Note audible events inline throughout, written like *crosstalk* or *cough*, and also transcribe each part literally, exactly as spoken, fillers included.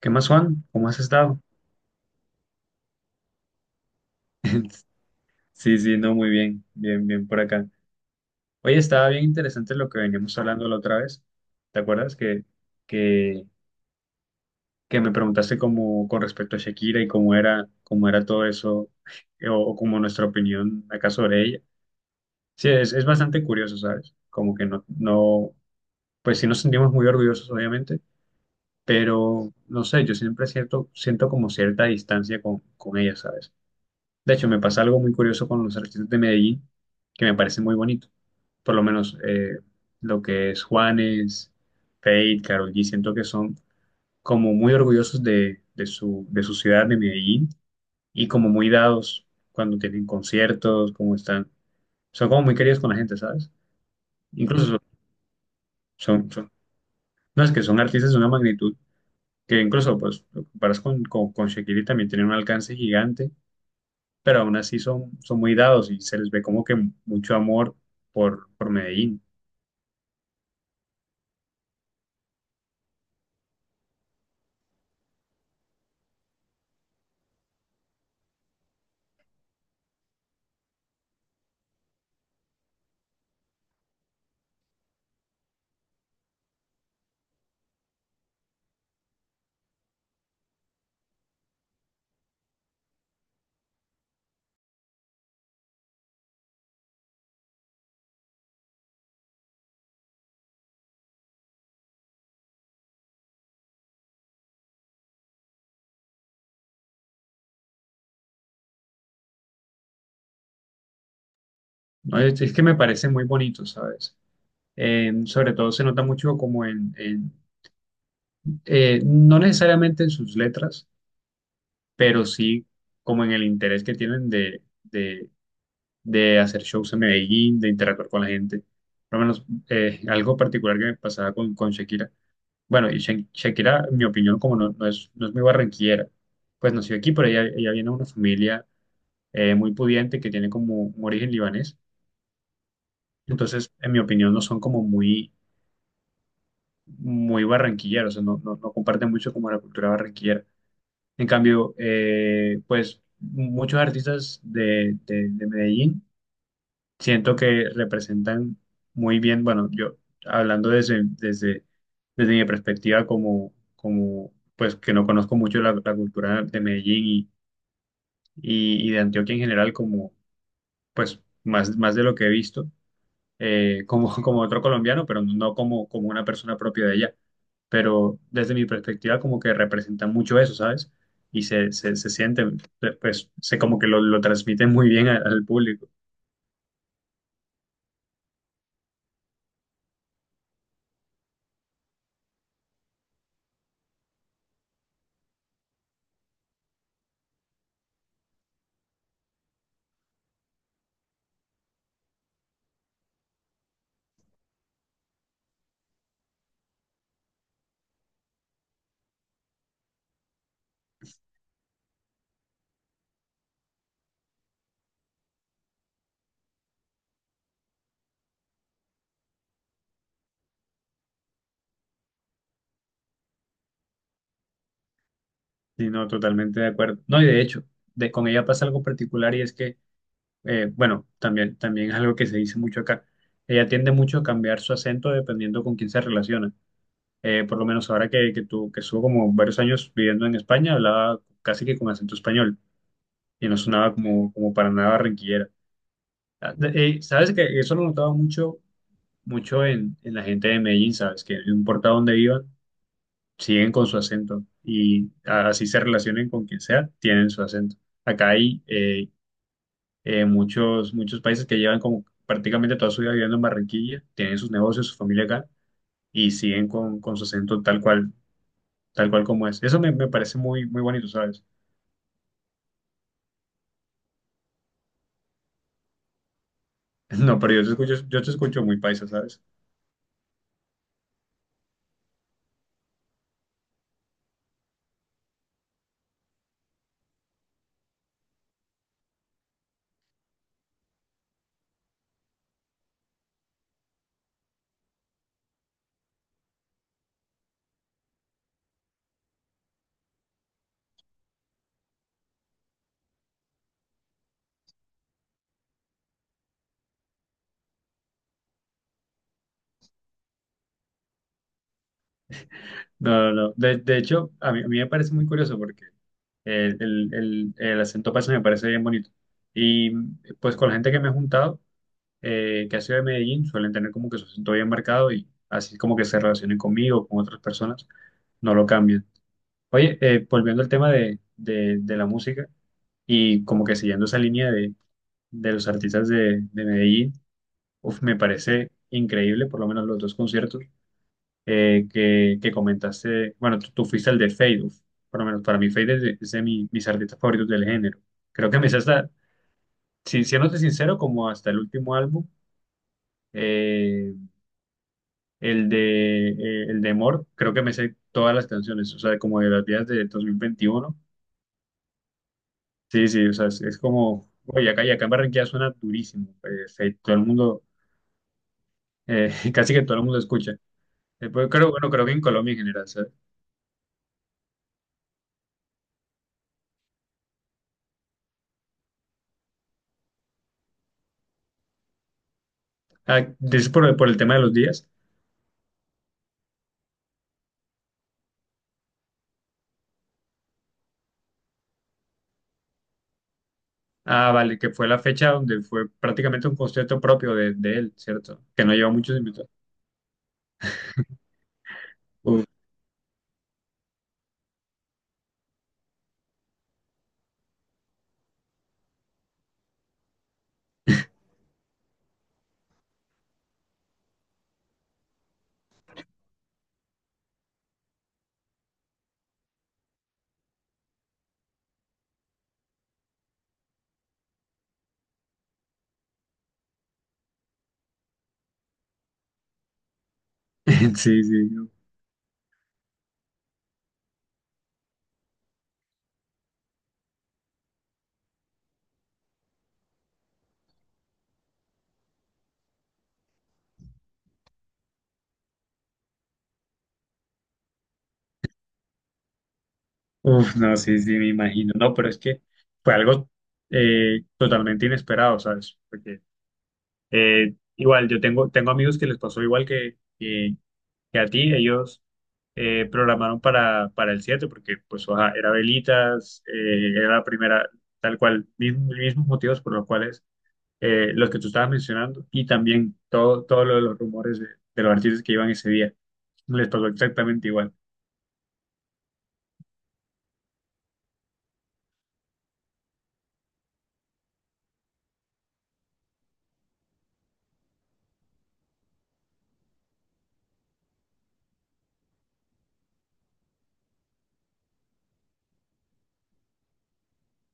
¿Qué más, Juan? ¿Cómo has estado? *laughs* Sí, sí, no, muy bien, bien, bien por acá. Oye, estaba bien interesante lo que veníamos hablando la otra vez. ¿Te acuerdas que, que, que me preguntaste como con respecto a Shakira y cómo era, cómo era todo eso, *laughs* o, o como nuestra opinión acá sobre ella? Sí, es, es bastante curioso, ¿sabes? Como que no, no, pues sí nos sentimos muy orgullosos, obviamente, pero no sé, yo siempre siento, siento como cierta distancia con, con ella, ¿sabes? De hecho, me pasa algo muy curioso con los artistas de Medellín, que me parece muy bonito. Por lo menos eh, lo que es Juanes, Feid, Karol G, siento que son como muy orgullosos de, de su, de su ciudad, de Medellín, y como muy dados cuando tienen conciertos, como están. Son como muy queridos con la gente, ¿sabes? Incluso son, son, son- no es que son artistas de una magnitud que incluso, pues, lo comparas con, con, con Shakira y también tienen un alcance gigante, pero aún así son, son muy dados y se les ve como que mucho amor por, por Medellín. No, es, es que me parece muy bonito, ¿sabes? Eh, sobre todo se nota mucho como en, en, eh, no necesariamente en sus letras, pero sí como en el interés que tienen de, de, de hacer shows en Medellín, de interactuar con la gente. Por lo menos eh, algo particular que me pasaba con, con Shakira. Bueno, y Sha- Shakira, en mi opinión, como no, no es, no es muy barranquillera, pues nació aquí, pero ella, ella viene de una familia eh, muy pudiente que tiene como un origen libanés. Entonces, en mi opinión, no son como muy, muy barranquilleros, o sea, no, no, no comparten mucho como la cultura barranquillera. En cambio, eh, pues muchos artistas de, de, de Medellín siento que representan muy bien, bueno, yo hablando desde, desde, desde mi perspectiva como, como, pues que no conozco mucho la, la cultura de Medellín y, y, y de Antioquia en general, como, pues, más, más de lo que he visto eh, como, *laughs* como otro colombiano, pero no como, como una persona propia de allá. Pero desde mi perspectiva, como que representa mucho eso, ¿sabes? Y se, se, se siente, eh, pues, se como que lo, lo transmite *laughs* muy bien al, al público. Y no, totalmente de acuerdo. No, y de hecho, de, con ella pasa algo particular y es que, eh, bueno, también, también es algo que se dice mucho acá. Ella tiende mucho a cambiar su acento dependiendo con quién se relaciona. Eh, por lo menos ahora que, que tú, que estuvo como varios años viviendo en España, hablaba casi que con acento español y no sonaba como, como para nada barranquillera. Ah, de- eh, sabes que eso lo notaba mucho, mucho en, en la gente de Medellín, sabes que no importa dónde vivan, siguen con su acento y a- así se relacionen con quien sea, tienen su acento. Acá hay eh, eh, muchos, muchos países que llevan como prácticamente toda su vida viviendo en Barranquilla, tienen sus negocios, su familia acá y siguen con, con su acento tal cual, tal cual como es. Eso me, me parece muy, muy bonito, ¿sabes? *laughs* No, pero yo te escucho, yo te escucho muy paisa, ¿sabes? No, no, no. De, de hecho, a mí, a mí me parece muy curioso porque el, el- el- el acento paisa me parece bien bonito. Y pues con la gente que me he juntado, eh, que ha sido de Medellín, suelen tener como que su acento bien marcado y así como que se relacionen conmigo, con otras personas, no lo cambian. Oye, eh, volviendo al tema de, de- de la música y como que siguiendo esa línea de, de los artistas de, de Medellín, uf, me parece increíble, por lo menos los dos conciertos eh, que, que comentaste, bueno, tú, tú fuiste el de Fade, uf, por lo menos para mí Fade es de, es de mi- mis artistas favoritos del género. Creo que me sé hasta, si, siéndote sincero, como hasta el último álbum, eh, el de, eh, el de Mort, creo que me sé todas las canciones, o sea, como de las días de dos mil veintiuno. Sí, sí, o sea, es, es como, oye, acá, y acá en Barranquilla suena durísimo, eh, Fade, todo el mundo, eh, *laughs* casi que todo el mundo escucha. Eh, pues, creo, bueno, creo que en Colombia en general, ¿sabes? Ah, dices por, por el tema de los días. Ah, vale, que fue la fecha donde fue prácticamente un concierto propio de, de él, ¿cierto? Que no lleva muchos invitados. Uf, *laughs* sí, sí. No. Uf, no, sí, sí, me imagino. No, pero es que fue algo eh, totalmente inesperado, ¿sabes? Porque eh, igual, yo tengo, tengo amigos que les pasó igual que, que, que a ti. Ellos eh, programaron para, para el siete porque pues ajá, era velitas, eh, era la primera, tal cual, mismos, mismos motivos por los cuales eh, los que tú estabas mencionando, y también todo, todo lo de los rumores de, de los artistas que iban ese día. Les pasó exactamente igual.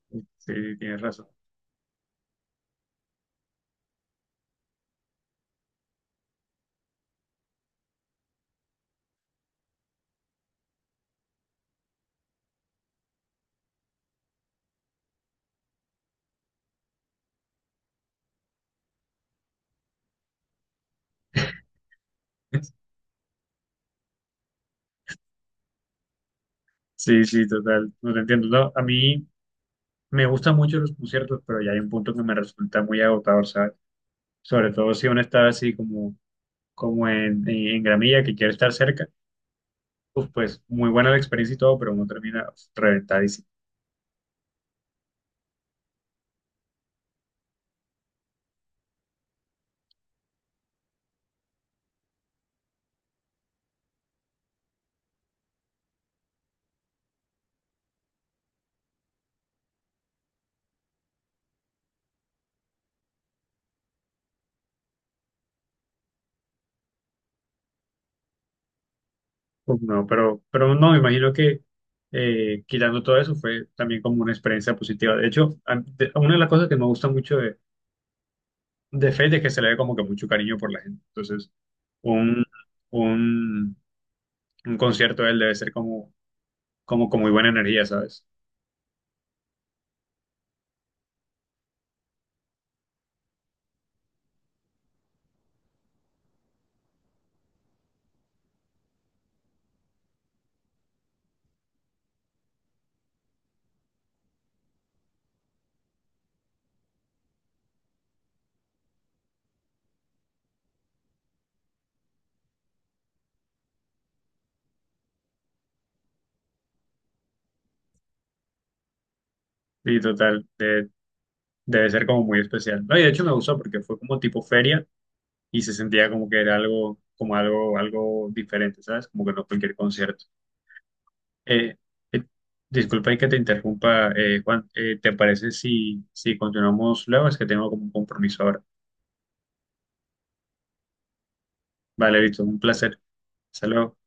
Sí, sí, tienes razón. *laughs* Sí, sí, total. No te entiendo. No, a mí me gustan mucho los conciertos, pero ya hay un punto que me resulta muy agotador, ¿sabes? Sobre todo si uno está así como, como en, en, en gramilla, que quiere estar cerca, pues, pues muy buena la experiencia y todo, pero uno termina reventado. Pues no, pero, pero no, me imagino que eh, quitando todo eso fue también como una experiencia positiva. De hecho, a- de- una de las cosas que me gusta mucho de, de Fate es que se le ve como que mucho cariño por la gente. Entonces, un, un, un concierto de él debe ser como, como con muy buena energía, ¿sabes? Y total, de- debe ser como muy especial. No, y de hecho me gustó porque fue como tipo feria y se sentía como que era algo, como algo, algo diferente, ¿sabes? Como que no cualquier concierto. Eh, eh, Disculpa y que te interrumpa, eh, Juan. Eh, ¿te parece si, si continuamos luego? Es que tengo como un compromiso ahora. Vale, listo, un placer. Hasta luego.